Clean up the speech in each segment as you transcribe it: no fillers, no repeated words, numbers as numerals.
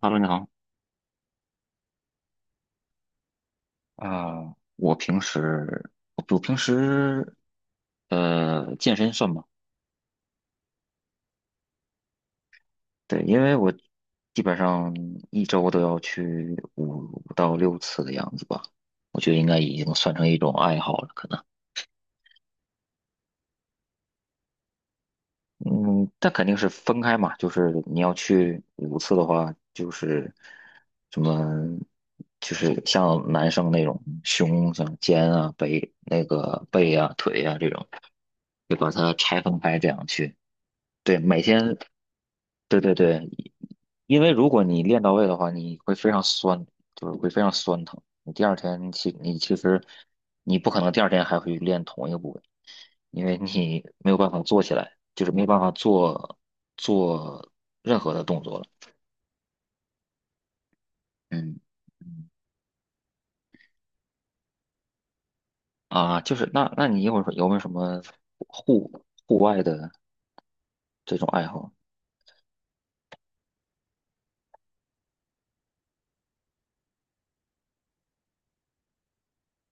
哈喽，你好。我平时我平时健身算吗？对，因为我基本上一周都要去五到六次的样子吧，我觉得应该已经算成一种爱好了，可能。嗯，但肯定是分开嘛，就是你要去五次的话，就是什么，就是像男生那种胸像肩啊、背那个背啊、腿啊这种，就把它拆分开这样去。对，每天，对对对，因为如果你练到位的话，你会非常酸，就是会非常酸疼。你第二天其你其实你不可能第二天还会练同一个部位，因为你没有办法做起来，就是没有办法做任何的动作了。嗯。嗯啊，就是那你一会儿有没有什么户户外的这种爱好？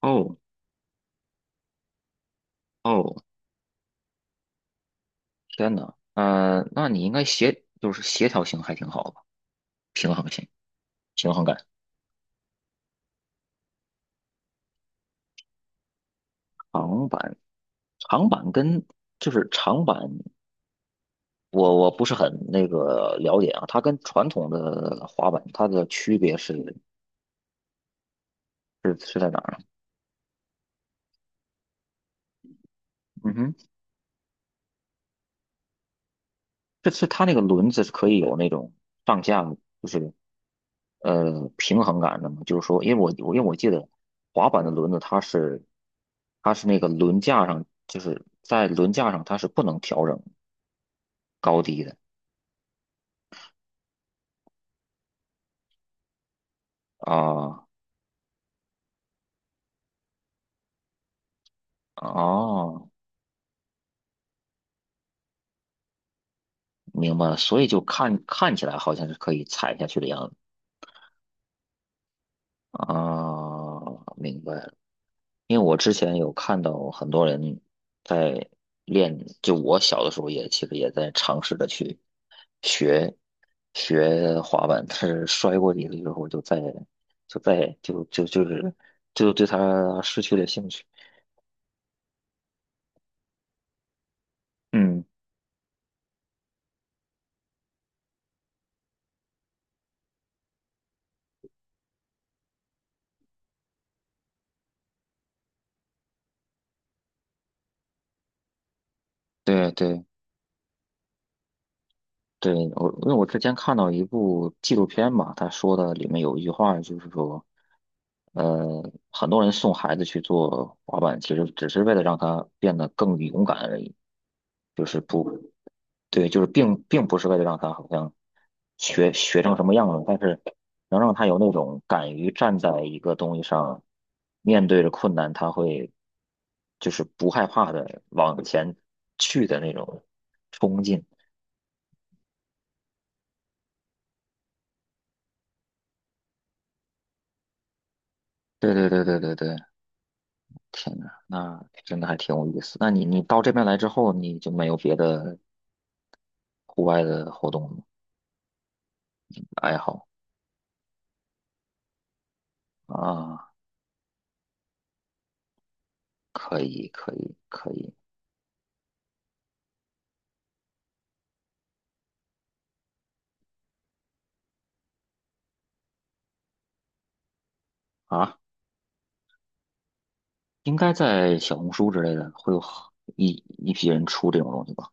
哦。哦，天呐，那你应该协就是协调性还挺好吧，平衡性。平衡感。长板，长板跟就是长板，我不是很那个了解啊。它跟传统的滑板，它的区别是是在哪儿啊？嗯哼，这是它那个轮子是可以有那种上下，就是平衡感的嘛。就是说，因为我记得滑板的轮子它是那个轮架上，就是在轮架上它是不能调整高低的。啊。哦，明白了，所以就看起来好像是可以踩下去的样子。啊，明白了。因为我之前有看到很多人在练，就我小的时候也其实也在尝试着去学学滑板，但是摔过几次之后就再就再就就就是就对它失去了兴趣。嗯，对对，对，我，因为我之前看到一部纪录片嘛，他说的里面有一句话，就是说，很多人送孩子去做滑板，其实只是为了让他变得更勇敢而已，就是不，对，就是并不是为了让他好像学成什么样子，但是能让他有那种敢于站在一个东西上，面对着困难，他会就是不害怕的往前去的那种冲劲。对对对对对对。天呐，那真的还挺有意思。那你到这边来之后，你就没有别的户外的活动爱好啊？可以，可以，可以。啊！应该在小红书之类的会有一批人出这种东西吧？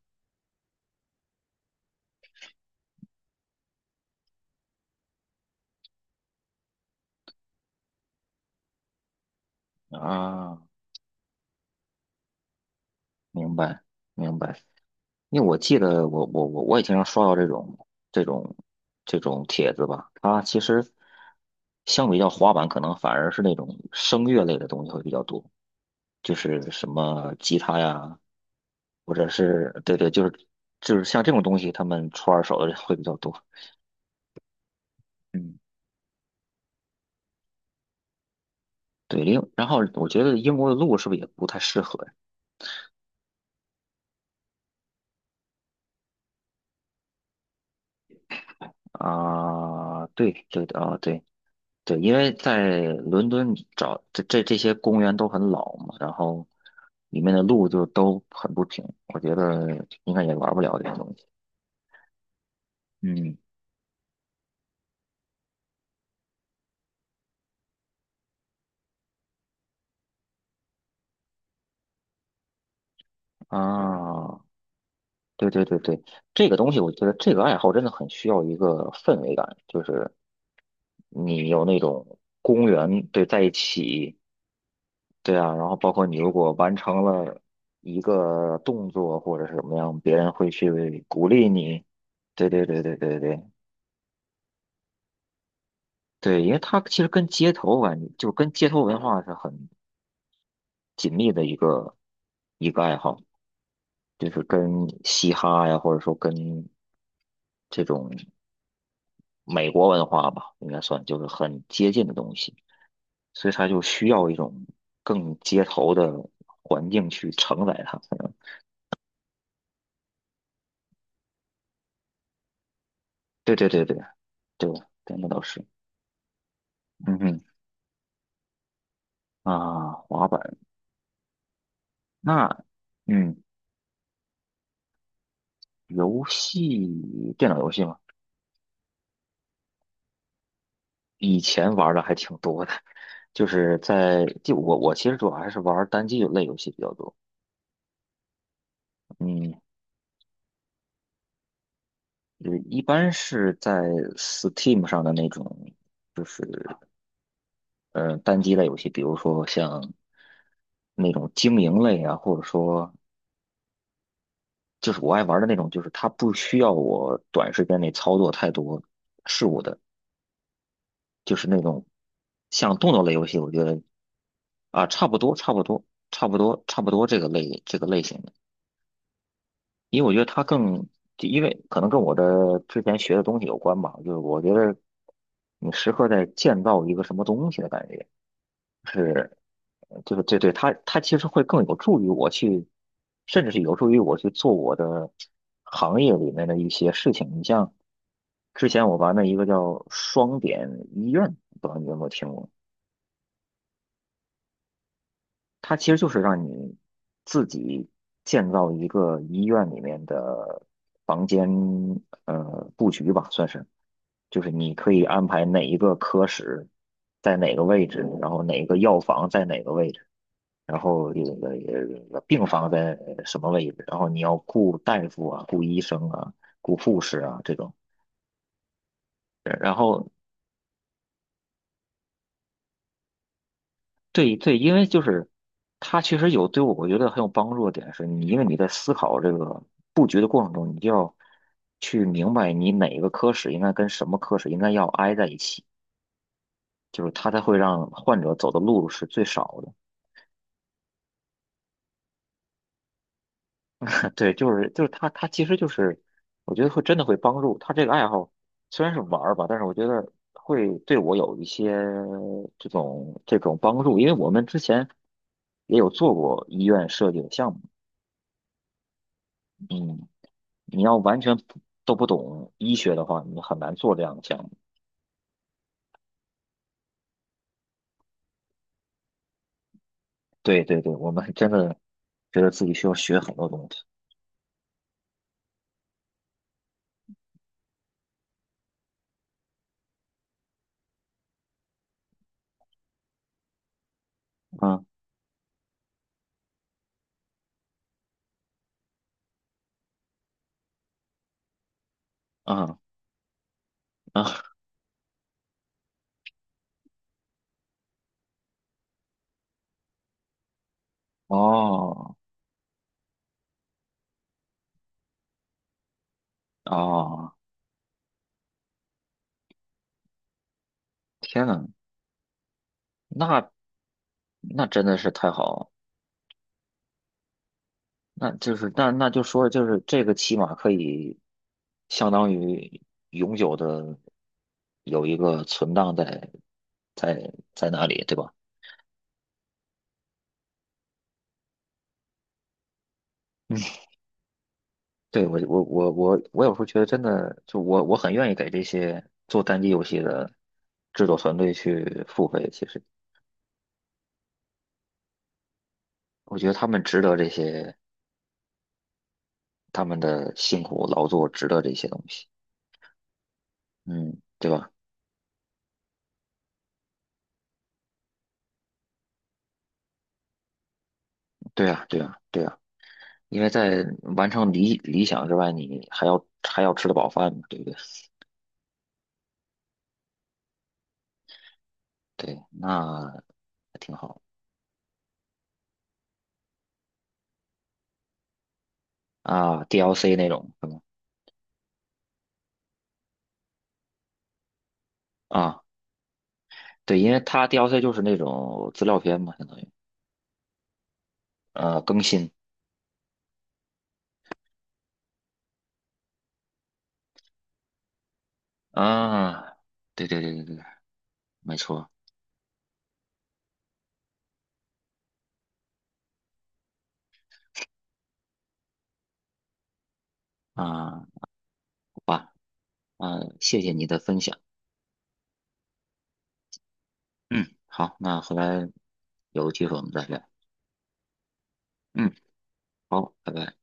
啊，明白，明白。因为我记得我也经常刷到这种这种帖子吧，它其实相比较滑板，可能反而是那种声乐类的东西会比较多。就是什么吉他呀，或者是对对，就是就是像这种东西，他们出二手的人会比较多。嗯，对，另然后我觉得英国的路是不是也不太适合呀？对对的对对，因为在伦敦你找这这些公园都很老嘛，然后里面的路就都很不平，我觉得应该也玩不了这些东西。嗯。啊。对对对对，这个东西我觉得这个爱好真的很需要一个氛围感，就是你有那种公园对在一起，对啊，然后包括你如果完成了一个动作或者是什么样，别人会去鼓励你。对对对对对对。对，因为它其实跟街头文就跟街头文化是很紧密的一个爱好，就是跟嘻哈呀，或者说跟这种。美国文化吧，应该算就是很接近的东西，所以它就需要一种更街头的环境去承载它。嗯。对对对对对，对，那倒是。嗯哼。啊，滑板那。嗯，游戏电脑游戏嘛，以前玩的还挺多的，就是我其实主要还是玩单机类游戏比较多。嗯，就是一般是在 Steam 上的那种。就是。嗯，单机类游戏，比如说像那种经营类啊，或者说就是我爱玩的那种，就是它不需要我短时间内操作太多事物的，就是那种像动作类游戏，我觉得啊。差不多差不多这个类这个类型的，因为我觉得它更，就因为可能跟我的之前学的东西有关吧，就是我觉得你时刻在建造一个什么东西的感觉是。对对对，它它其实会更有助于我去，甚至是有助于我去做我的行业里面的一些事情。你像之前我玩的一个叫双点医院，不知道你有没有听过？它其实就是让你自己建造一个医院里面的房间，布局吧，算是。就是你可以安排哪一个科室在哪个位置，然后哪个药房在哪个位置。然后这个病房在什么位置，然后你要雇大夫啊、雇医生啊、雇护士啊这种。对然后对对，因为就是它其实有对我觉得很有帮助的点是，你因为你在思考这个布局的过程中，你就要去明白你哪个科室应该跟什么科室应该要挨在一起，就是它才会让患者走的路是最少的。对，就是就是他其实就是，我觉得会真的会帮助他这个爱好，虽然是玩儿吧，但是我觉得会对我有一些这种帮助，因为我们之前也有做过医院设计的项目，嗯，你要完全不都不懂医学的话，你很难做这样的项目。对对对，我们真的觉得自己需要学很多东西。嗯。嗯。嗯，哦。哦，天呐，那那真的是太好了。那就是那就说就是这个起码可以相当于永久的有一个存档在在那里，对吧？嗯，对，我我有时候觉得真的，我很愿意给这些做单机游戏的制作团队去付费。其实我觉得他们值得这些，他们的辛苦劳作值得这些东西。嗯，对吧？对啊，对啊，对啊。因为在完成理想之外，你还要还要吃得饱饭嘛，对不对？对，那还挺好。啊，DLC 那种是吗？啊，对，因为它 DLC 就是那种资料片嘛，相当于更新啊，对对对对对，没错。啊，好吧。啊，谢谢你的分享，嗯，好，那回来有机会我们再聊，嗯，好，拜拜。